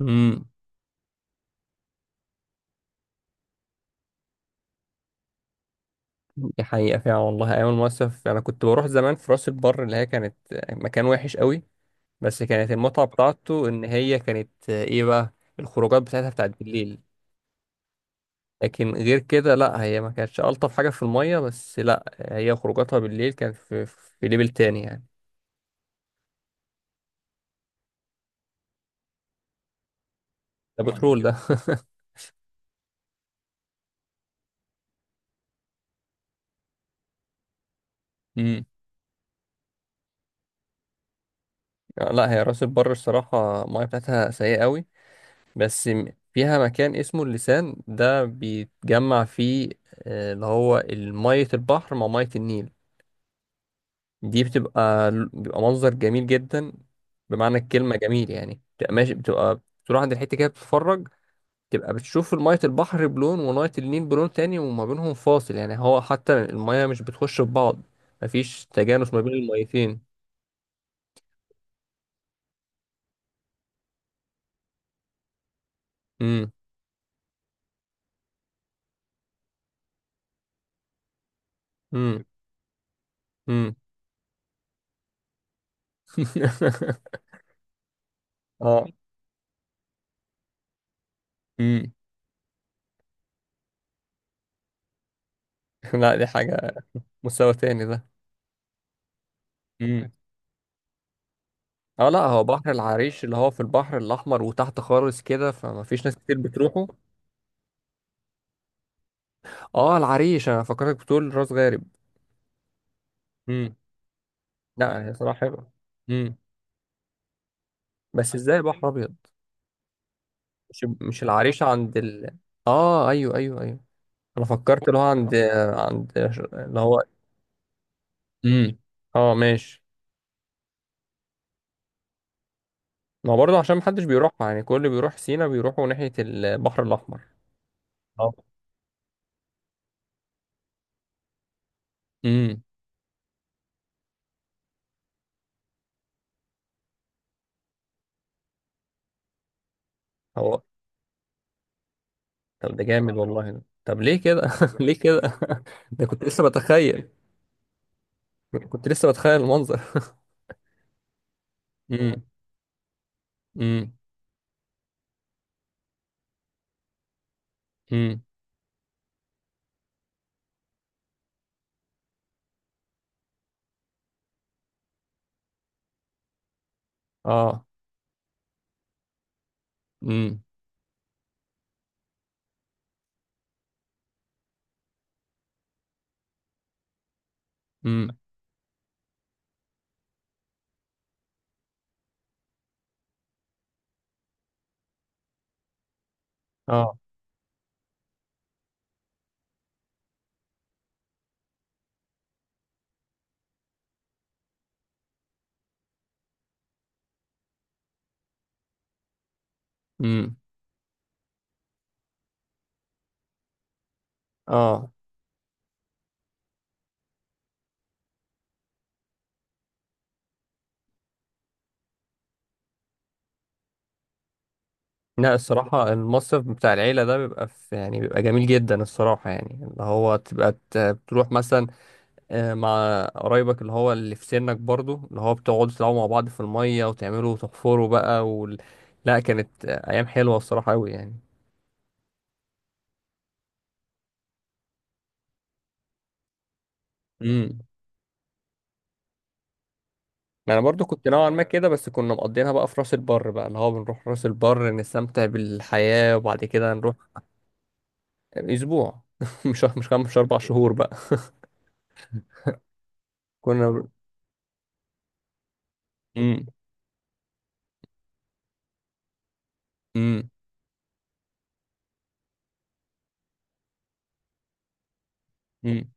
امم دي حقيقة فعلا والله. أيام المصيف أنا كنت بروح زمان في راس البر، اللي هي كانت مكان وحش قوي. بس كانت المتعة بتاعته إن هي كانت إيه بقى، الخروجات بتاعتها بتاعت بالليل. لكن غير كده، لأ هي ما كانتش ألطف حاجة في المية، بس لأ هي خروجاتها بالليل كانت في ليفل تاني يعني. ده بترول ده. امم. لأ، هي راس البر الصراحة المية بتاعتها سيئة قوي. بس فيها مكان اسمه اللسان ده بيتجمع فيه اللي هو مية البحر مع مية النيل. دي بيبقى منظر جميل جدا، بمعنى الكلمة جميل يعني. بتبقى ماشي، بتبقى تروح عند الحتة كده بتتفرج، تبقى بتشوف مية البحر بلون ومية النيل بلون تاني، وما بينهم فاصل يعني. هو حتى المية مش بتخش في بعض، مفيش تجانس ما بين الميتين. امم. امم. امم. اه. امم. لا، دي حاجة مستوى تاني ده. امم. اه، لا، هو بحر العريش اللي هو في البحر الاحمر وتحت خالص كده، فما فيش ناس كتير بتروحه. اه، العريش انا فكرتك بتقول راس غارب. امم. لا، هي صراحه حلوه. امم. بس ازاي بحر ابيض؟ مش العريش عند ال اه، ايوه، ايوه، ايوه. انا فكرت اللي هو عند اللي هو. امم. اه، ماشي. ما هو برضه عشان محدش بيروحها يعني، كل اللي بيروح سينا بيروحوا ناحيه البحر الاحمر. اه. امم. هو طب ده جامد والله ده. طب ليه كده؟ ليه كده؟ ده كنت لسه بتخيل. كنت لسه بتخيل المنظر. امم. امم. امم. اه. امم. امم. اه. امم. اه، لا الصراحة المصيف بتاع العيلة ده بيبقى في يعني، بيبقى جميل جدا الصراحة يعني. اللي هو تبقى بتروح مثلا مع قرايبك، اللي هو اللي في سنك برضو، اللي هو بتقعدوا تلعبوا مع بعض في المية وتعملوا وتحفروا بقى لا، كانت أيام حلوة الصراحة أوي. يعني ما انا برضو كنت نوعا ما كده، بس كنا مقضينها بقى في راس البر بقى، اللي هو بنروح راس البر نستمتع بالحياة وبعد كده نروح. اسبوع. مش كام، مش 4 شهور بقى. كنا. امم. امم. امم.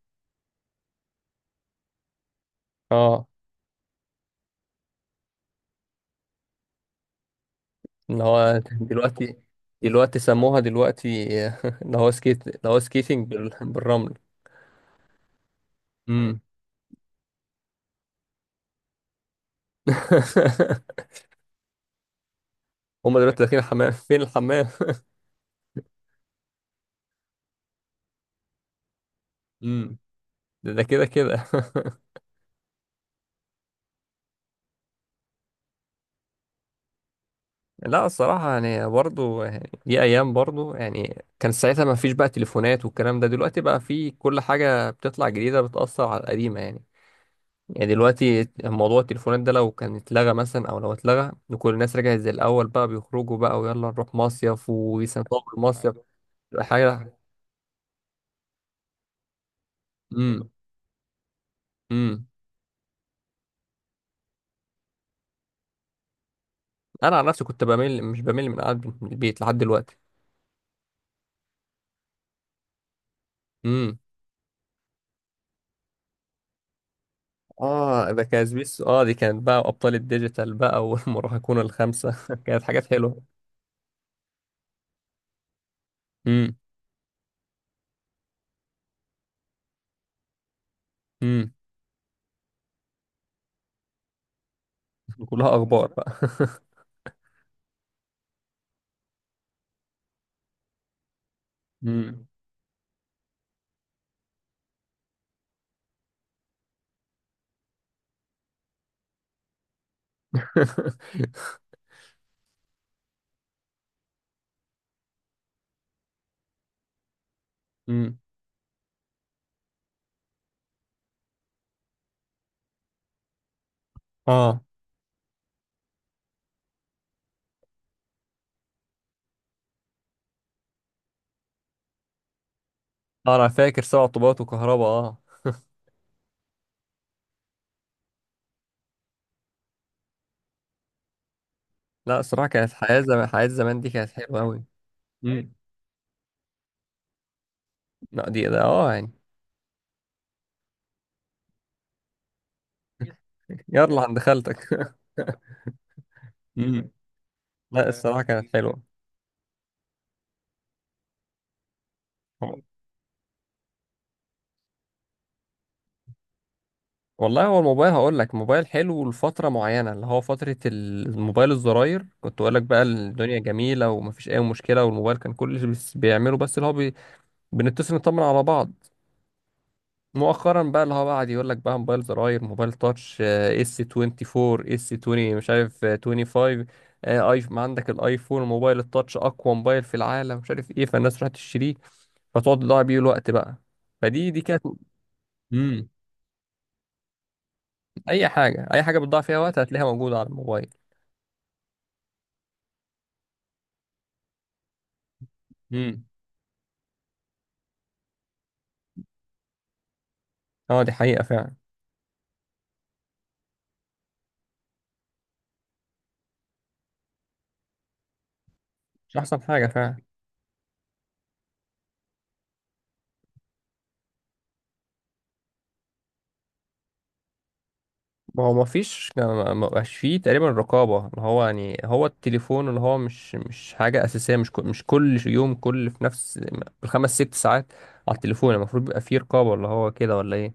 اه، اللي هو دلوقتي دلوقتي سموها دلوقتي، اللي هو سكيت، اللي هو سكيتنج بالرمل. امم. هما دلوقتي داخلين الحمام؟ فين الحمام؟ امم. ده ده كده كده. لا الصراحة يعني برضو يعني دي أيام برضو يعني كان ساعتها ما فيش بقى تليفونات والكلام ده. دلوقتي بقى في كل حاجة بتطلع جديدة بتأثر على القديمة يعني. يعني دلوقتي موضوع التليفونات ده لو كان اتلغى مثلا، أو لو اتلغى وكل الناس رجعت زي الأول، بقى بيخرجوا بقى ويلا نروح مصيف، ويسافروا المصيف تبقى حاجة. امم. امم. أنا عن نفسي كنت بمل، مش بمل من قعدة البيت لحد دلوقتي. امم. اه، ده كان سبيس. اه، دي كانت بقى أبطال الديجيتال بقى والمراهقون الخمسة. كانت حاجات حلوة. مم. امم. كلها اخبار بقى. امم. امم. اه. انا فاكر سبع طوبات وكهرباء. اه. لا الصراحه كانت حياه زمان، حياه زمان دي كانت حلوه قوي. امم. لا دي ده اه يعني. يلا عند خالتك. امم. لا الصراحه كانت حلوه. والله هو الموبايل، هقول لك، موبايل حلو لفتره معينه، اللي هو فتره الموبايل الزراير كنت اقول لك بقى الدنيا جميله ومفيش اي مشكله. والموبايل كان كل اللي بيعمله بس اللي هو بنتصل نطمن على بعض. مؤخرا بقى اللي هو بقى قعد يقول لك بقى، موبايل زراير، موبايل تاتش، اس 24، اس 20، مش عارف، 25، ايف، ما عندك الايفون، موبايل التاتش، اقوى موبايل في العالم، مش عارف ايه، فالناس راح تشتريه. فتقعد تضيع بيه الوقت بقى. فدي كانت. امم. اي حاجه اي حاجه بتضيع فيها وقت هتلاقيها موجوده على الموبايل. امم. اه دي حقيقه فعلا. مش احسن حاجه فعلا. ما هو ما فيش، ما بقاش فيه تقريبا رقابة، اللي هو يعني. هو التليفون اللي هو مش حاجة أساسية، مش مش كل يوم كل في نفس بالخمس ست ساعات على التليفون. المفروض بيبقى فيه رقابة، اللي هو كده ولا إيه؟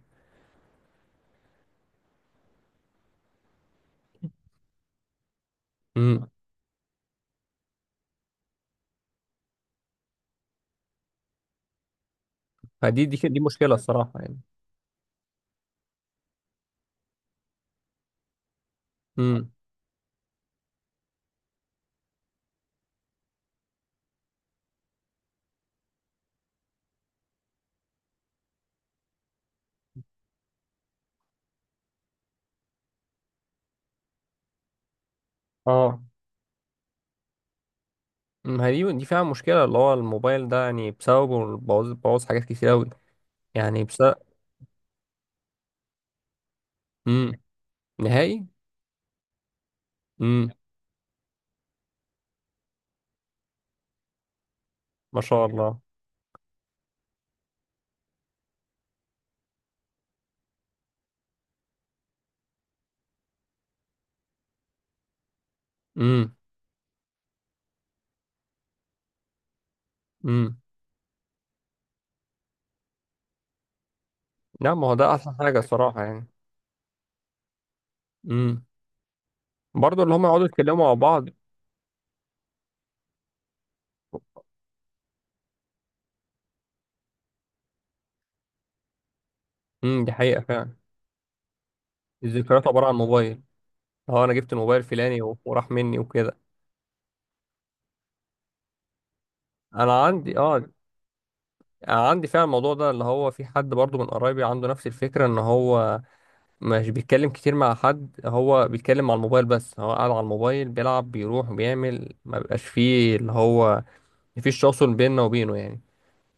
امم. فدي دي دي مشكلة الصراحة يعني. امم. اه، ما هي دي فعلا مشكلة، اللي هو الموبايل ده يعني بسببه بوظ حاجات كتير أوي، يعني بسبب. امم. نهائي. امم. ما شاء الله. امم. امم. لا، ما هو ده أحسن حاجة الصراحة يعني. مم. برضه اللي هم يقعدوا يتكلموا مع بعض. امم. دي حقيقة فعلا. الذكريات عبارة عن موبايل. اه، انا جبت الموبايل فلاني وراح مني وكده. انا عندي اه، انا عندي فعلا الموضوع ده، اللي هو في حد برضو من قرايبي عنده نفس الفكرة، ان هو مش بيتكلم كتير مع حد. هو بيتكلم على الموبايل بس، هو قاعد على الموبايل بيلعب، بيروح بيعمل، ما بيبقاش فيه اللي هو مفيش تواصل بيننا وبينه يعني.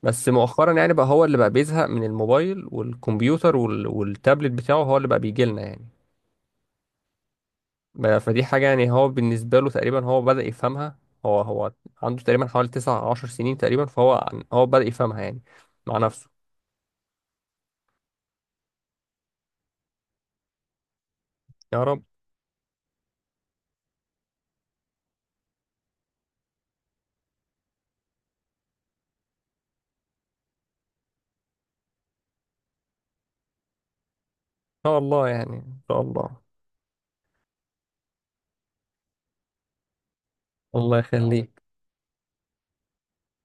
بس مؤخرا يعني بقى هو اللي بقى بيزهق من الموبايل والكمبيوتر والتابلت بتاعه، هو اللي بقى بيجي لنا يعني. فدي حاجة يعني، هو بالنسبة له تقريبا هو بدأ يفهمها. هو عنده تقريبا حوالي 19 سنين تقريبا، فهو هو بدأ يفهمها يعني مع نفسه. يا رب إن شاء الله يعني، إن شاء الله. الله يخليك.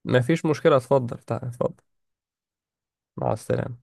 مفيش مشكلة، اتفضل، تعال، اتفضل. مع السلامة.